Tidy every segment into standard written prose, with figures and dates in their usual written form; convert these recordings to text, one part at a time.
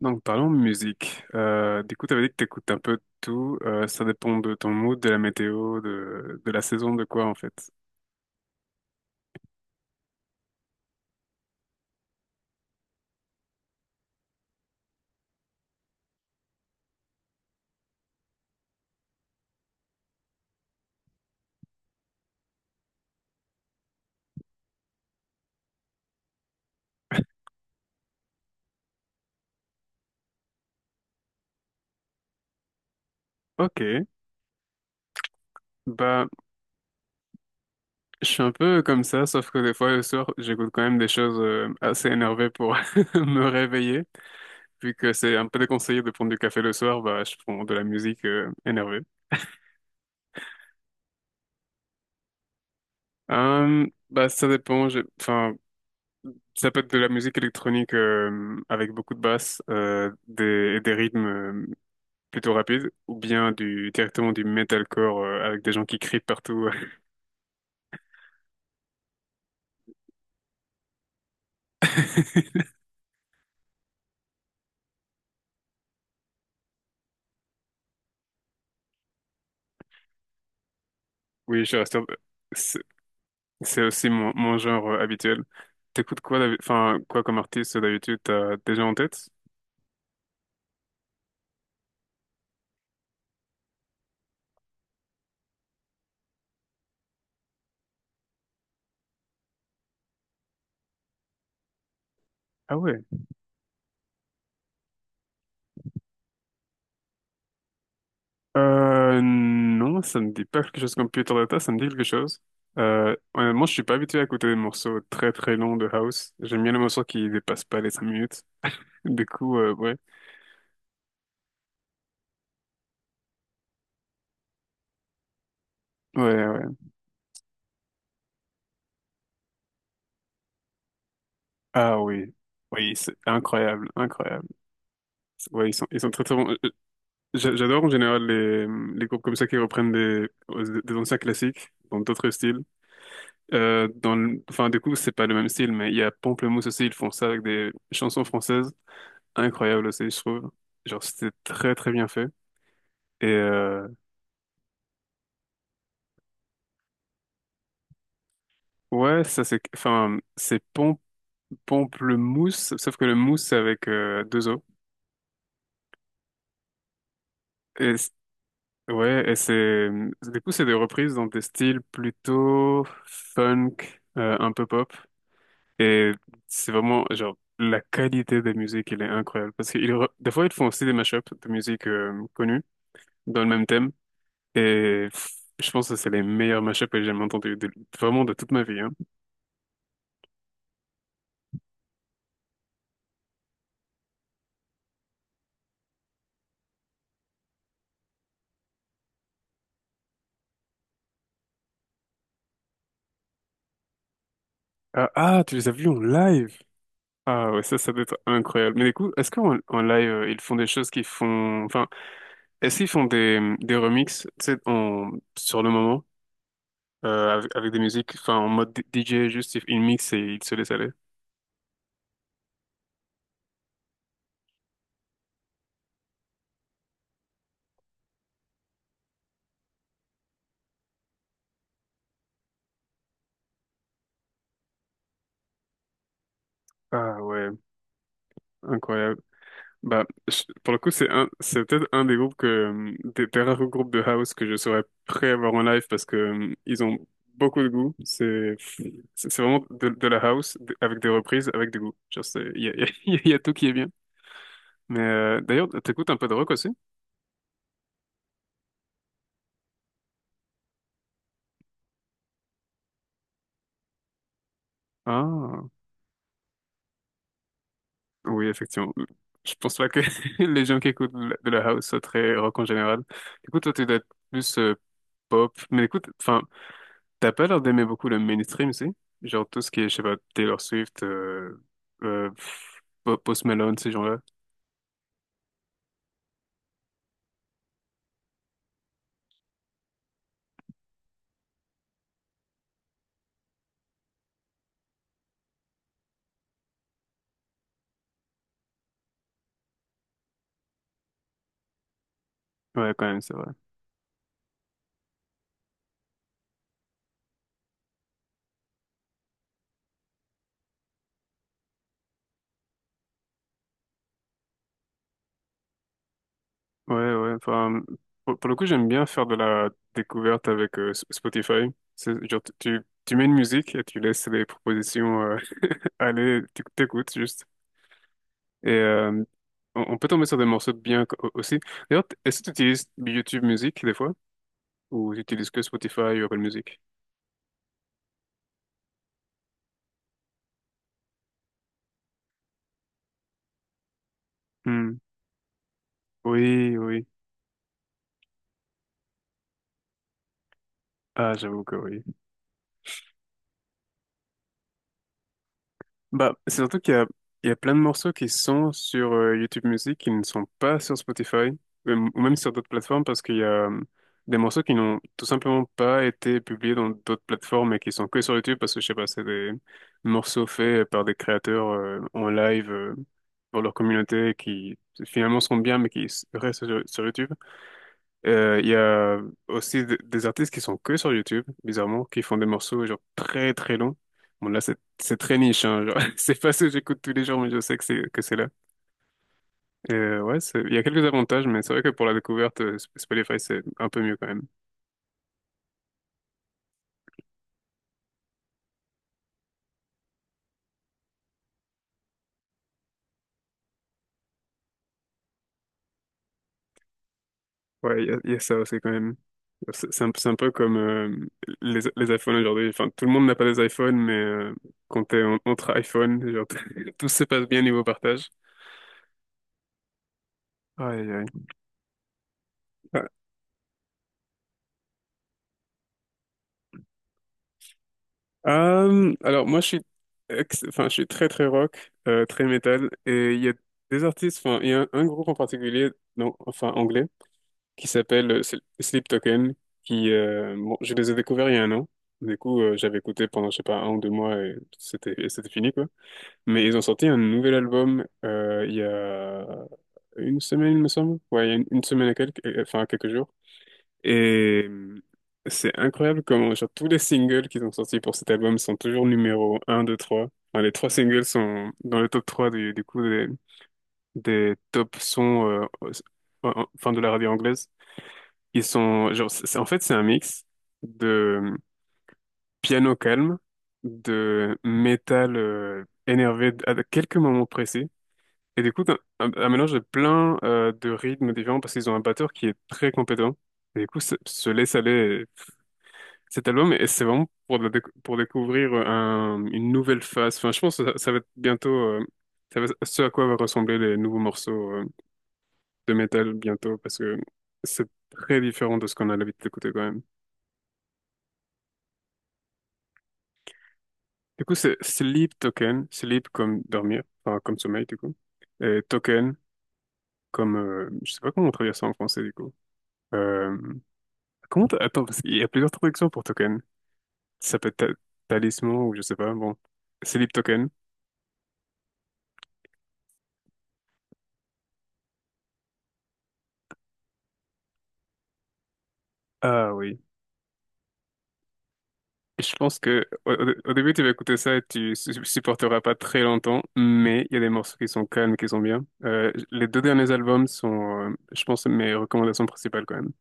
Donc parlons musique. T'avais dit que t'écoutes un peu de tout. Ça dépend de ton mood, de la météo, de la saison, de quoi en fait. Ok. Bah, je suis un peu comme ça, sauf que des fois le soir, j'écoute quand même des choses assez énervées pour me réveiller. Vu que c'est un peu déconseillé de prendre du café le soir, bah, je prends de la musique énervée. Ça dépend. Enfin, ça peut être de la musique électronique avec beaucoup de basses et des rythmes plutôt rapides, ou bien directement du metalcore avec des gens qui crient partout. Oui, je suis resté... C'est aussi mon genre habituel. T'écoutes quoi, enfin, quoi comme artiste d'habitude, t'as déjà en tête? Ah ouais. Non, ça me dit pas quelque chose comme Peter Data, ça me dit quelque chose. Honnêtement, je suis pas habitué à écouter des morceaux très très longs de house. J'aime bien les morceaux qui dépassent pas les 5 minutes. Ouais. Ouais, ouais. Ah oui. Oui, c'est incroyable, incroyable. Ouais, ils sont très très bons. J'adore en général les groupes comme ça qui reprennent des anciens classiques dans d'autres styles. Enfin, du coup, c'est pas le même style, mais il y a Pamplemousse aussi, ils font ça avec des chansons françaises. Incroyable aussi, je trouve. Genre, c'était très très bien fait. Et euh, ouais, ça c'est... Enfin, c'est pom Pamplemousse, sauf que le mousse c'est avec deux O. Et c- ouais, et c'est... Du coup, c'est des reprises dans des styles plutôt funk, un peu pop. Et c'est vraiment, genre... La qualité des musiques, elle est incroyable. Parce que des fois, ils font aussi des mashups de musique connue dans le même thème. Et pff, je pense que c'est les meilleurs mashups que j'ai jamais entendus, vraiment de toute ma vie. Hein. Ah, ah, tu les as vus en live? Ah ouais, ça doit être incroyable. Mais du coup, est-ce qu'en en live, ils font des choses qui font... Enfin, est-ce qu'ils font des remixes, tu sais, en... sur le moment? Avec avec des musiques, enfin en mode DJ, juste il mixe et il se laisse aller. Ah ouais, incroyable. Pour le coup, c'est peut-être un des groupes des rares groupes de house que je serais prêt à voir en live parce que, ils ont beaucoup de goût. C'est vraiment de la house avec des reprises, avec du goût. Genre, c'est, il y a, il y a tout qui est bien. Mais, d'ailleurs, t'écoutes un peu de rock aussi? Ah, oui, effectivement. Je pense pas que les gens qui écoutent de la house soient très rock en général. Écoute, toi, tu dois être plus, pop. Mais écoute, enfin, t'as pas l'air d'aimer beaucoup le mainstream, si? Genre tout ce qui est, je sais pas, Taylor Swift, Post Malone, ces gens-là. Ouais, quand même, c'est vrai. Ouais, ouais, enfin, pour le coup, j'aime bien faire de la découverte avec Spotify. C'est, genre, tu mets une musique et tu laisses les propositions aller, tu t'écoutes juste. Et on peut tomber sur des morceaux aussi. D'ailleurs, est-ce que tu utilises YouTube Music des fois? Ou tu utilises que Spotify ou Apple Music? Hmm. Oui, oui. Ah, j'avoue que oui. Bah, c'est surtout il y a plein de morceaux qui sont sur YouTube Music qui ne sont pas sur Spotify ou même sur d'autres plateformes parce qu'il y a des morceaux qui n'ont tout simplement pas été publiés dans d'autres plateformes et qui sont que sur YouTube parce que je sais pas, c'est des morceaux faits par des créateurs en live pour leur communauté qui finalement sont bien mais restent sur YouTube. Il y a aussi des artistes qui sont que sur YouTube, bizarrement, qui font des morceaux genre très très longs. Bon là c'est très niche, hein, genre, c'est pas ce que j'écoute tous les jours, mais je sais que c'est là. Il y a quelques avantages, mais c'est vrai que pour la découverte, Spotify c'est un peu mieux quand même. Ouais, il y a ça aussi quand même. C'est un peu comme les iPhones aujourd'hui. Enfin, tout le monde n'a pas des iPhones, mais entre iPhone genre, tout se passe bien niveau partage. Aïe, aïe. Ah, alors moi je suis, enfin je suis très très rock, très métal, et il y a des artistes, enfin il y a un groupe en particulier, non, enfin anglais, qui s'appelle Sleep Token, je les ai découverts il y a un an, j'avais écouté pendant je sais pas un ou deux mois et c'était fini. Mais ils ont sorti un nouvel album il y a une semaine, il me semble. Ouais, il y a une semaine et quelques, enfin quelques jours. Et c'est incroyable comment genre, tous les singles qu'ils ont sortis pour cet album sont toujours numéro un deux trois. Enfin, les trois singles sont dans le top 3 des des top sons enfin, de la radio anglaise. Ils sont genre en fait c'est un mix de piano calme, de métal énervé à quelques moments précis. Et du coup, un mélange de plein de rythmes différents parce qu'ils ont un batteur qui est très compétent. Et du coup, se laisse aller cet album et c'est vraiment pour, pour découvrir une nouvelle phase. Enfin, je pense que ça va être bientôt ce à quoi va ressembler les nouveaux morceaux de métal bientôt parce que c'est très différent de ce qu'on a l'habitude d'écouter quand même. Du coup, c'est Sleep Token, Sleep comme dormir, enfin comme sommeil du coup, et Token comme je sais pas comment on traduit ça en français du coup. Euh, Attends, parce qu'il y a plusieurs traductions pour token. Ça peut être talisman ou je sais pas. Bon, c'est l'ip token. Ah oui. Je pense que au, au début tu vas écouter ça et tu supporteras pas très longtemps, mais il y a des morceaux qui sont calmes, qui sont bien. Les deux derniers albums sont, je pense, mes recommandations principales quand même.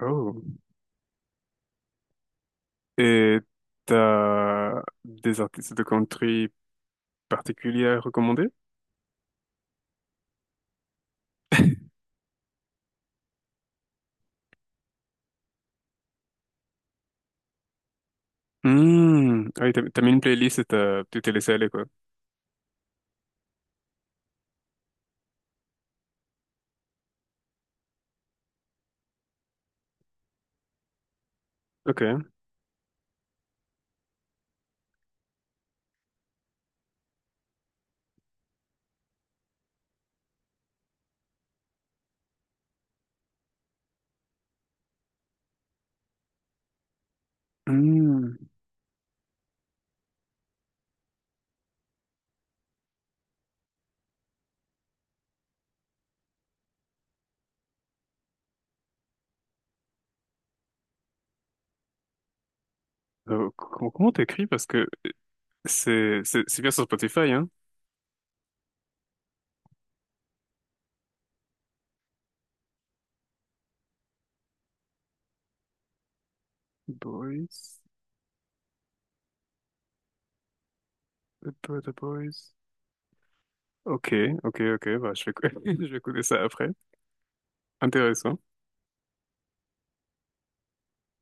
Oh. Et t'as des artistes de country particuliers à recommander? Hmm. Ah oui, t'as mis une playlist et tu t'es laissé aller, quoi. Ok. Hmm. Comment t'écris? Parce que c'est bien sur Spotify, hein? Boys, the Boys. Ok, ok, ok. Bah, je vais écouter ça après. Intéressant.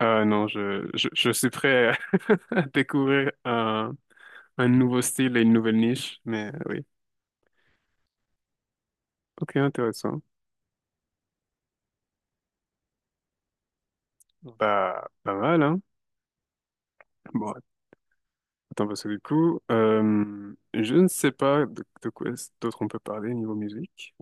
Ah non, je suis prêt à à découvrir un nouveau style et une nouvelle niche, mais oui. Ok, intéressant. Bah, pas mal, hein? Bon, attends, parce que du coup, je ne sais pas de quoi est-ce d'autre on peut parler niveau musique.